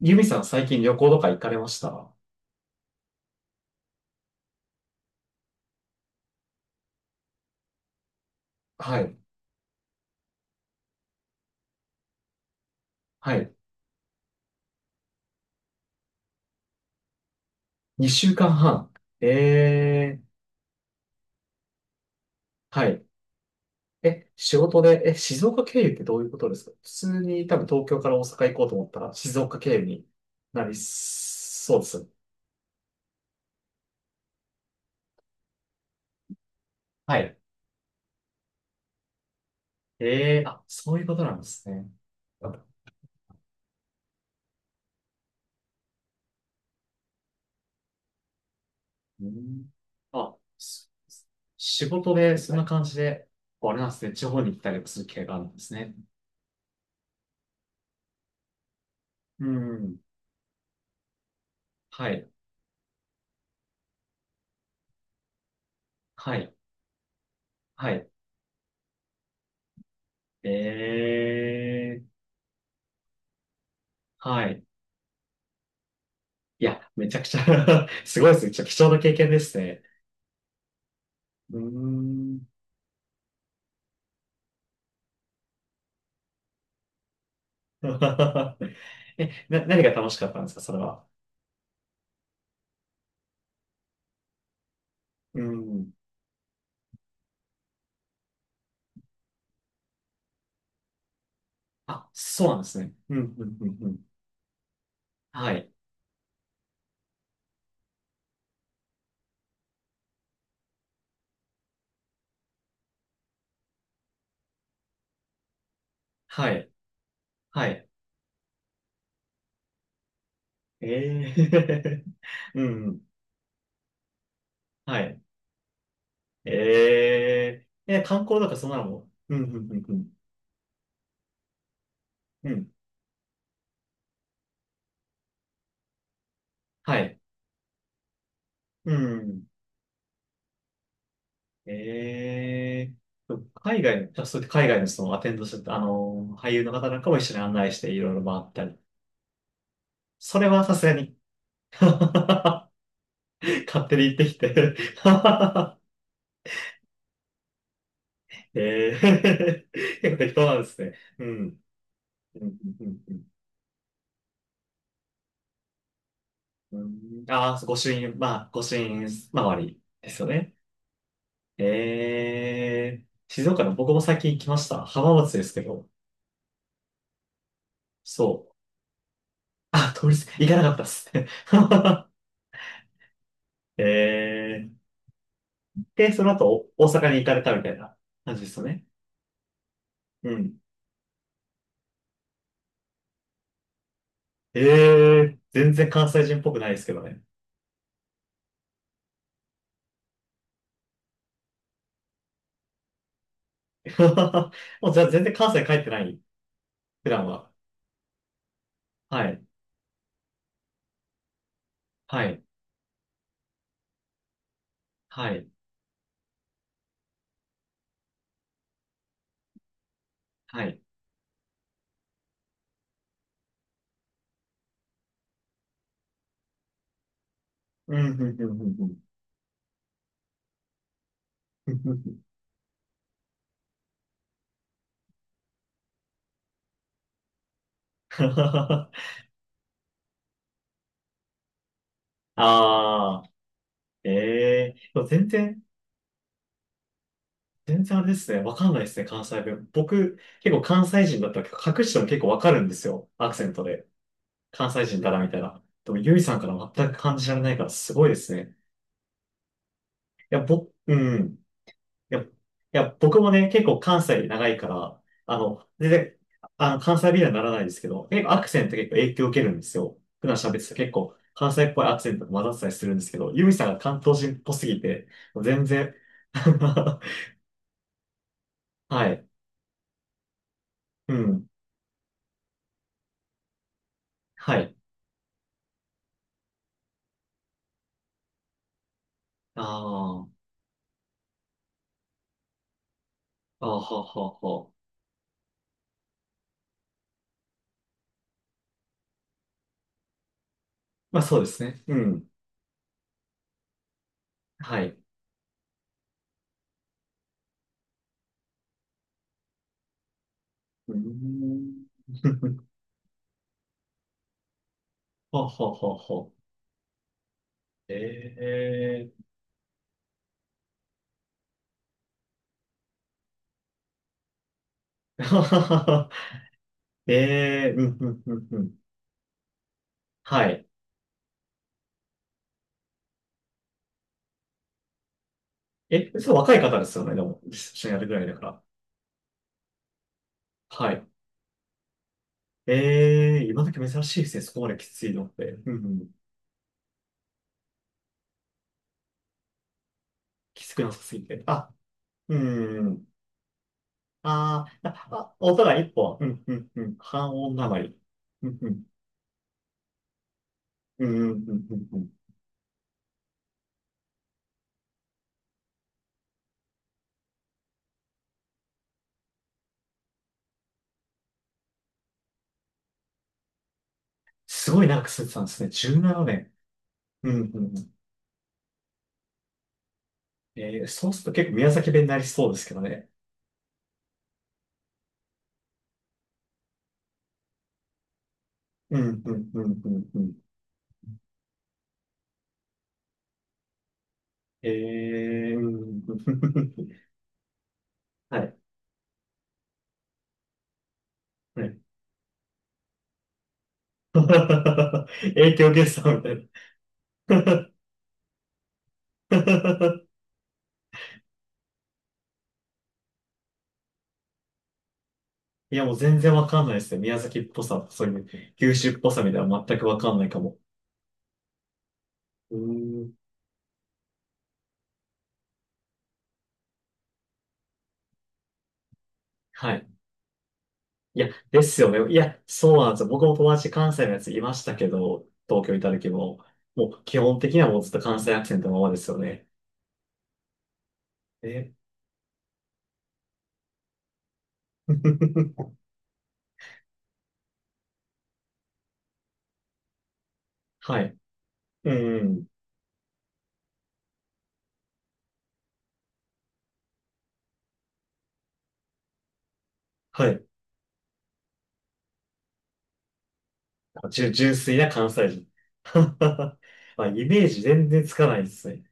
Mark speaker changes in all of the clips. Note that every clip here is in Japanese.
Speaker 1: ユミさん最近旅行とか行かれました？はい。はい。2週間半。ええ、はい。え、仕事で、え、静岡経由ってどういうことですか？普通に多分東京から大阪行こうと思ったら静岡経由になりそうです。はい。えー、あ、そういうことなんですね。うん、あ、そうです。仕事でそんな感じで、こうあれなんですね。地方に行ったりもする系があるんですね。うん。はい。はい。はい。ええ、はい。いや、めちゃくちゃ すごいですね。ちょっと貴重な経験ですね。うーん。え、何が楽しかったんですか、それは。うん。あ、そうなんですね。うん、うん、うん、うん。はい。はい。はい。ええ うん、うん。はい。えええ、観光とかそんなのも。うん、うん、うん、うん。うん。はい。うん。ええ、海外の、じゃあそうやって海外のそのアテンドしてた、あの、俳優の方なんかも一緒に案内していろいろ回ったり。それはさすがに。勝手に言ってきて えー 結構適当なんですね。うん。うん、うん、うんうん。ああー、ご朱印、まあ、ご朱印周りですよね。えー、静岡の僕も最近行きました。浜松ですけど。そう。あ、通りす、行かなかったっすね。えー、で、その後、お大阪に行かれたみたいな感じですよね。うん。えー、全然関西人っぽくないですけどね。もうじゃあ全然関西帰ってない、普段は。はい、はい、はい、はい。うん、うん、うん、うん。うん、あ あー、ええー、全然、全然あれですね。わかんないですね、関西弁。僕、結構関西人だったら隠しても結構わかるんですよ。アクセントで。関西人だな、みたいな。でも、ゆいさんから全く感じられないから、すごいですね。いや、僕、うん。いや、いや、僕もね、結構関西で長いから、あの、全然、あの、関西弁にはならないですけど、結構アクセント結構影響を受けるんですよ。普段喋ってたら結構関西っぽいアクセントが混ざってたりするんですけど、ユミさんが関東人っぽすぎて、全然 はい。うん。はい。あーあー、はははは。まあそうですね。うん。はい。うーん。はははは。ええー。ええー、うん、うん、うん、うん。はい。え、それ若い方ですよね、でも。一緒にやるぐらいだから。はい。えー、今時珍しいですね、そこまできついのって。うんうん。きつくなさすぎて。あ、うん。あー、あ、あお互い一本。うんうんうん。半音なまり。うんうん。うんうんうんうんうん。すごい長く住んでたんですね。17年。うんうんうん。えー、そうすると結構宮崎弁になりそうですけどね。うんうんうんうんうん。えー、うんうんうんうん はい。はい 影響ゲストみたいな。いや、もう全然わかんないですね。宮崎っぽさ、そういう九州っぽさみたいなの全くわかんないかも。うーん。はい。いや、ですよね。いや、そうなんですよ。僕も友達関西のやついましたけど、東京いた時も、もう基本的にはもうずっと関西アクセントのままですよね。え はい。うん。はい。純粋な関西人。まあ、イメージ全然つかないですね。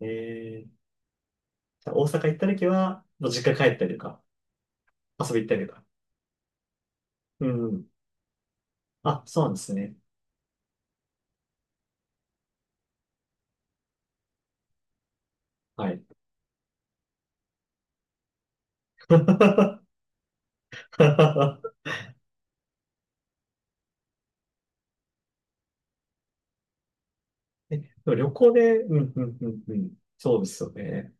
Speaker 1: えー、じゃあ大阪行った時は、もう実家帰ったりとか、遊び行ったりとか。うん。あ、そうなんですね。はい。え、旅行で、うん、うん、うん、うん。そうですよね。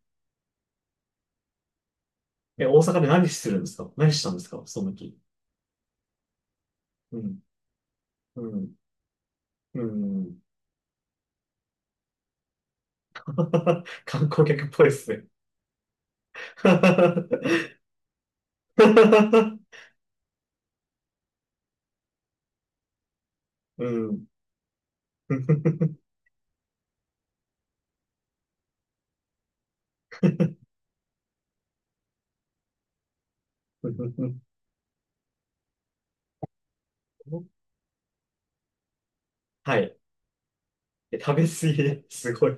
Speaker 1: え、大阪で何するんですか何したんですかその時。うん、うん、うん。観光客っぽいですね。うん。はい。え、食べ過ぎ、すごい。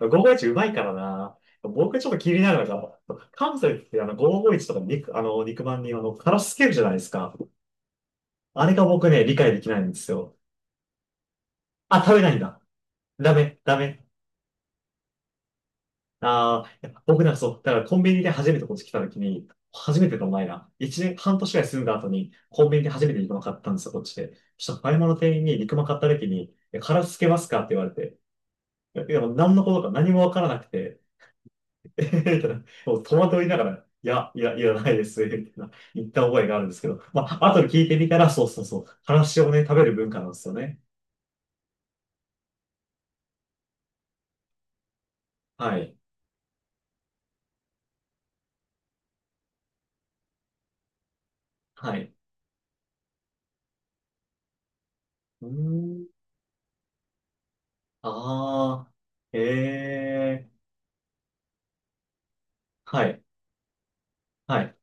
Speaker 1: 551うまいからな。僕ちょっと気になるのが、関西ってあの551とか肉、あの肉まんにあの、からしつけるじゃないですか。あれが僕ね、理解できないんですよ。あ、食べないんだ。ダメ、ダメ。ああ、いや僕なんかそう、だからコンビニで初めてこっち来た時に、初めてのお前な。一年、半年ぐらい住んだ後に、コンビニで初めて肉まん買ったんですよ、こっちで。そしたら買い物の店員に肉まん買った時に、殻つけますかって言われて、いや、いやもう何のことか何もわからなくて、えへへみたいな、もう戸惑いながら、いや、いや、いらないです、みたいな、言った覚えがあるんですけど、まあ、後で聞いてみたら、そうそうそう、からしをね、食べる文化なんですよね。はい。はい。うーん。ああ、ええ、はい。はい。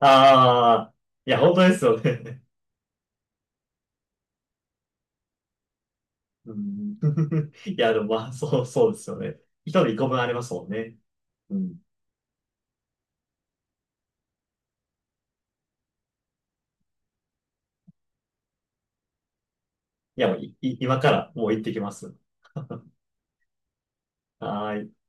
Speaker 1: ああ、いや、本当ですよね。うん、いや、でもまあ、そう、そうですよね。一人一個分ありますもんね。うん。いや、もうい、い今からもう行ってきます。はーい。